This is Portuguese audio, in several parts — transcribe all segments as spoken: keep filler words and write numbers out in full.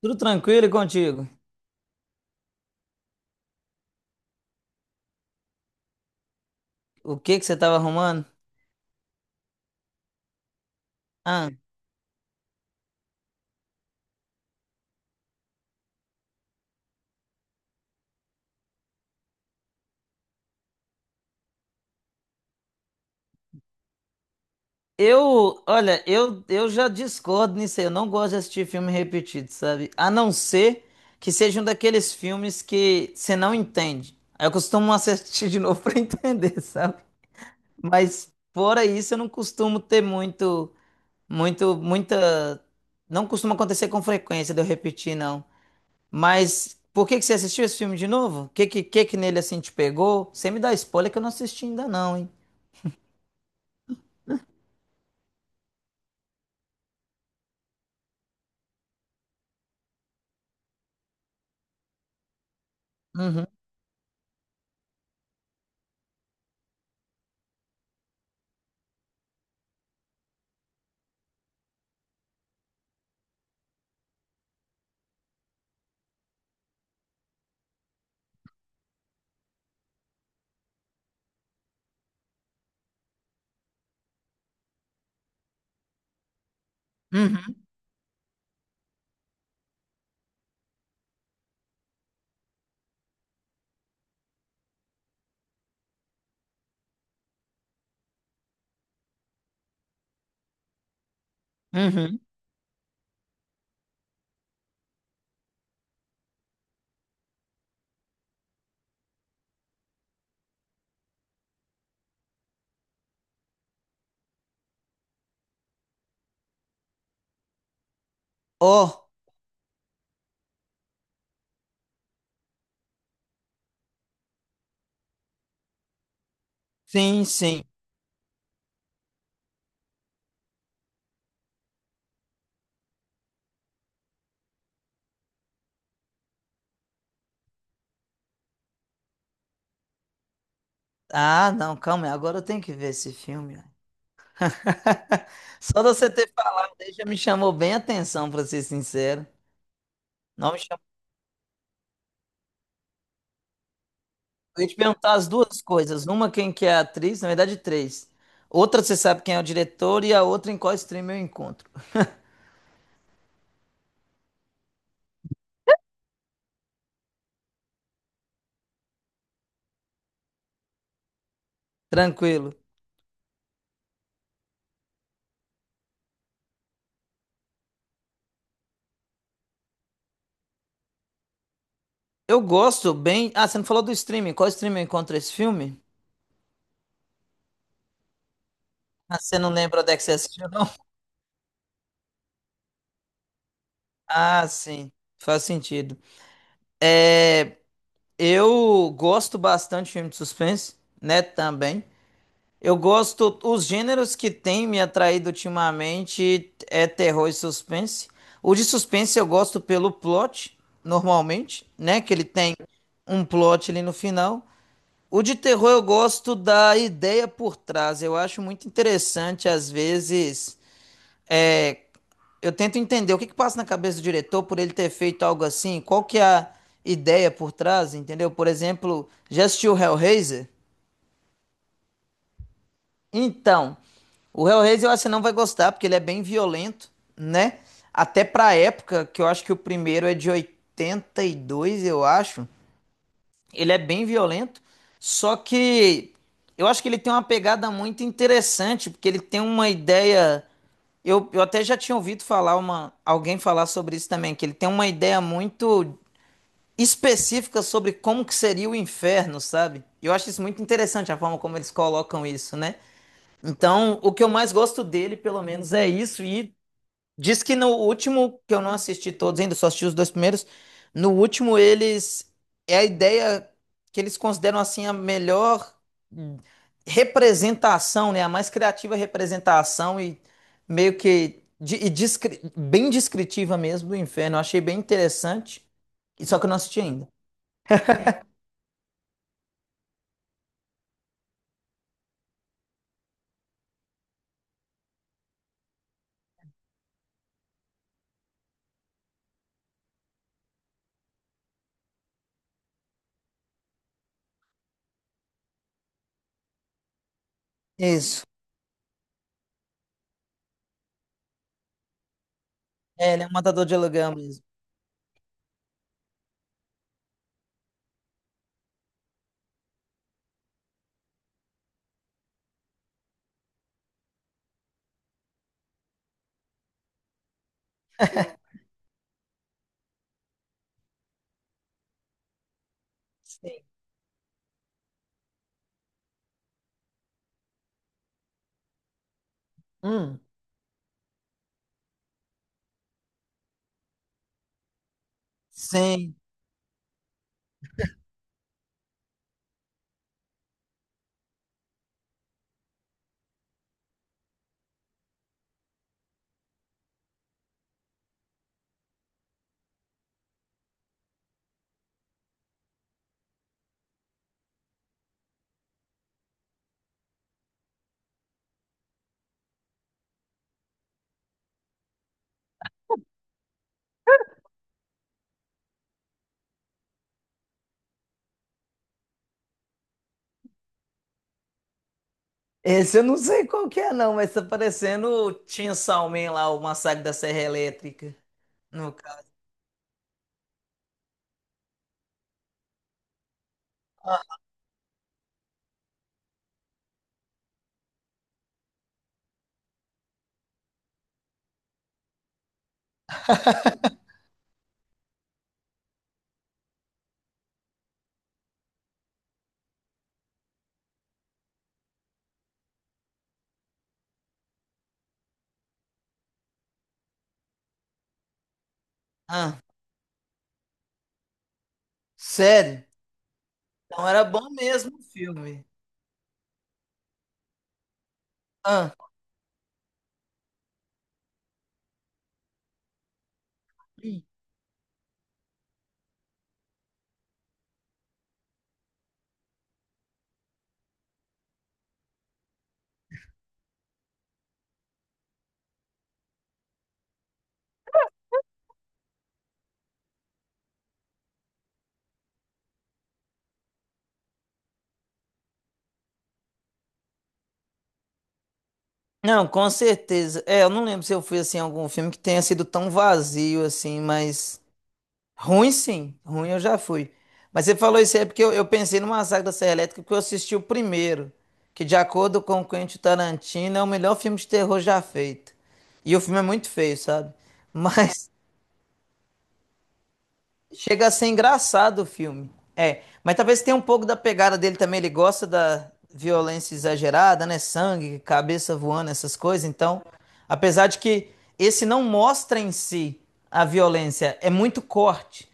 Tudo tranquilo e contigo? O que que você estava arrumando? Ah, eu, olha, eu, eu já discordo nisso aí. Eu não gosto de assistir filme repetido, sabe? A não ser que seja um daqueles filmes que você não entende. Aí eu costumo assistir de novo para entender, sabe? Mas fora isso, eu não costumo ter muito, muito, muita. Não costuma acontecer com frequência de eu repetir, não. Mas por que que você assistiu esse filme de novo? O que, que que que nele assim te pegou? Você me dá spoiler que eu não assisti ainda, não, hein? Uhum, uhum, uhum. Oh, sim, sim. Ah, não, calma aí. Agora eu tenho que ver esse filme, ó. Só de você ter falado aí já me chamou bem a atenção, pra ser sincero. Não me chamou. Eu ia te perguntar as duas coisas. Uma, quem que é a atriz, na verdade, três. Outra, você sabe quem é o diretor, e a outra, em qual stream eu encontro. Tranquilo. Eu gosto bem. Ah, você não falou do streaming. Qual stream eu encontro esse filme? Ah, você não lembra onde é que você assistiu, não? Ah, sim. Faz sentido. Eu gosto bastante de filme de suspense, né? Também. Eu gosto. Os gêneros que têm me atraído ultimamente é terror e suspense. O de suspense eu gosto pelo plot, normalmente, né? Que ele tem um plot ali no final. O de terror eu gosto da ideia por trás. Eu acho muito interessante, às vezes, é, eu tento entender o que que passa na cabeça do diretor por ele ter feito algo assim, qual que é a ideia por trás, entendeu? Por exemplo, já assistiu o Hellraiser? Então, o Hellraiser eu acho que você não vai gostar, porque ele é bem violento, né? Até pra época, que eu acho que o primeiro é de oitenta e dois, eu acho. Ele é bem violento, só que eu acho que ele tem uma pegada muito interessante, porque ele tem uma ideia. Eu, eu até já tinha ouvido falar uma, alguém falar sobre isso também, que ele tem uma ideia muito específica sobre como que seria o inferno, sabe? E eu acho isso muito interessante a forma como eles colocam isso, né? Então, o que eu mais gosto dele, pelo menos, é isso. E diz que no último, que eu não assisti todos ainda, só assisti os dois primeiros. No último, eles. É a ideia que eles consideram assim a melhor, hum, representação, né? A mais criativa representação e meio que de- e descri- bem descritiva mesmo do inferno. Eu achei bem interessante. e Só que eu não assisti ainda. Isso. É, ele é um matador de aluguel mesmo. Sim. Hum. Sim. Esse eu não sei qual que é, não, mas tá parecendo o Chainsaw Man lá, o Massacre da Serra Elétrica. No... ca- Ah, sério? Então era bom mesmo o filme. Ah, não, com certeza. É, eu não lembro se eu fui assim em algum filme que tenha sido tão vazio assim, mas ruim sim, ruim eu já fui. Mas você falou isso aí é porque eu, eu pensei no Massacre da Serra Elétrica porque eu assisti o primeiro, que de acordo com o Quentin Tarantino é o melhor filme de terror já feito. E o filme é muito feio, sabe? Mas chega a ser engraçado o filme. É, mas talvez tenha um pouco da pegada dele também. Ele gosta da violência exagerada, né? Sangue, cabeça voando, essas coisas. Então, apesar de que esse não mostra em si a violência, é muito corte.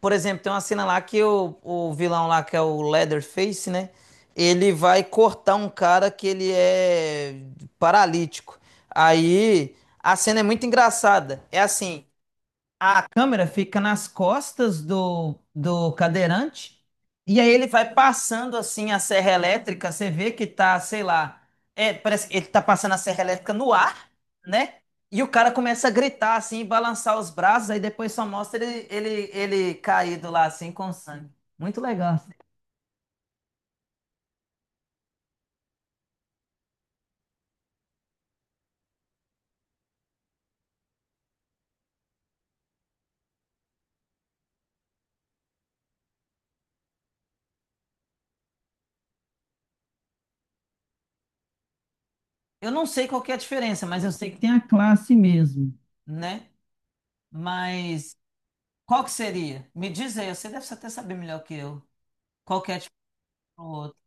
Por exemplo, tem uma cena lá que o, o vilão lá, que é o Leatherface, né? Ele vai cortar um cara que ele é paralítico. Aí a cena é muito engraçada. É assim, câmera fica nas costas do, do cadeirante e aí ele vai passando assim a serra elétrica. Você vê que tá, sei lá, é, parece que ele tá passando a serra elétrica no ar, né? E o cara começa a gritar assim, balançar os braços, aí depois só mostra ele, ele, ele caído lá assim com sangue. Muito legal. Eu não sei qual que é a diferença, mas eu sei que tem a classe mesmo, né? Mas qual que seria? Me diz aí, você deve até saber melhor que eu. Qual que é a diferença do outro?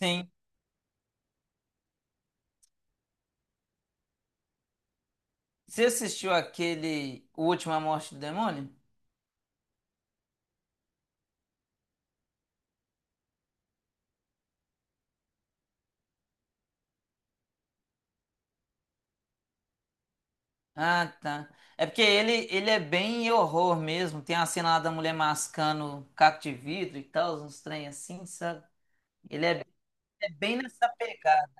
Sim. Você assistiu aquele O Última Morte do Demônio? Ah, tá. É porque ele, ele é bem horror mesmo. Tem a cena lá da mulher mascando caco de vidro e tal, uns trem assim, sabe? Ele é, é bem nessa pegada.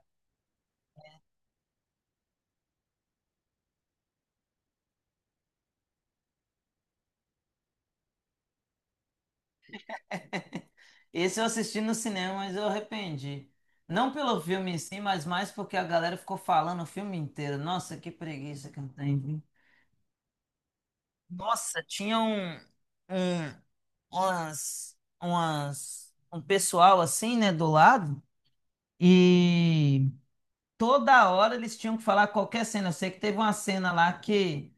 Esse eu assisti no cinema, mas eu arrependi. Não pelo filme em si, mas mais porque a galera ficou falando o filme inteiro. Nossa, que preguiça que eu tenho, viu? Nossa, tinha um, um, umas, umas, um pessoal assim, né, do lado. E toda hora eles tinham que falar qualquer cena. Eu sei que teve uma cena lá que,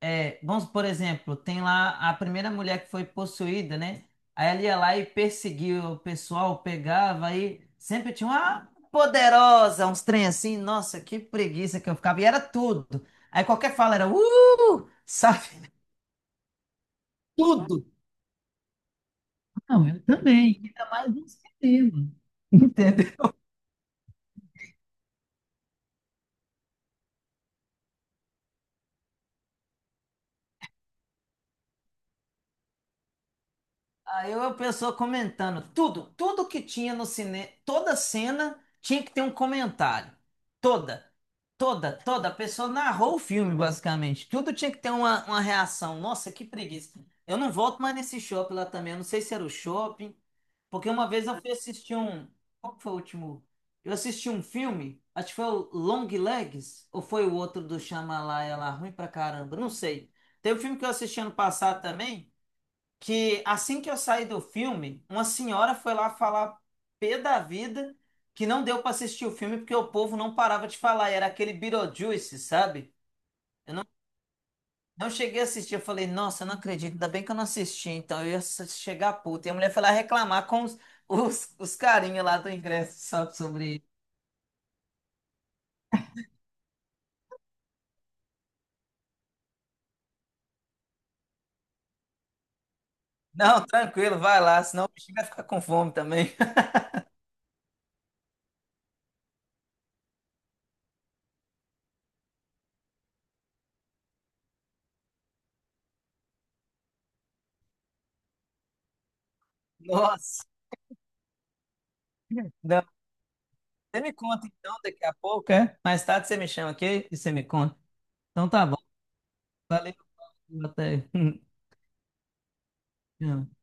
é, vamos, por exemplo, tem lá a primeira mulher que foi possuída, né? Aí ela ia lá e perseguia o pessoal, pegava, aí sempre tinha uma poderosa, uns trem assim. Nossa, que preguiça que eu ficava. E era tudo. Aí qualquer fala era, uh, sabe? Tudo. Não, eu também. Ainda mais no cinema. Entendeu? Aí eu, a pessoa comentando tudo, tudo que tinha no cinema, toda cena tinha que ter um comentário. Toda, toda, toda. A pessoa narrou o filme, basicamente. Tudo tinha que ter uma, uma reação. Nossa, que preguiça. Eu não volto mais nesse shopping lá também. Eu não sei se era o shopping, porque uma vez eu fui assistir um. Qual que foi o último? Eu assisti um filme, acho que foi o Long Legs, ou foi o outro do Shyamalan, é lá, ruim pra caramba, não sei. Teve um filme que eu assisti ano passado também que assim que eu saí do filme, uma senhora foi lá falar pé da vida que não deu para assistir o filme porque o povo não parava de falar, e era aquele Beetlejuice, sabe? Eu não, não cheguei a assistir, eu falei, nossa, eu não acredito, ainda bem que eu não assisti, então eu ia s- chegar puta. E a mulher foi lá reclamar com os, os, os carinhas lá do ingresso, sabe, sobre isso. Não, tranquilo, vai lá, senão o bichinho vai ficar com fome também. Nossa, não. Você me conta então daqui a pouco, é? Mais tarde você me chama aqui e você me conta. Então tá bom, valeu. Até. Yeah.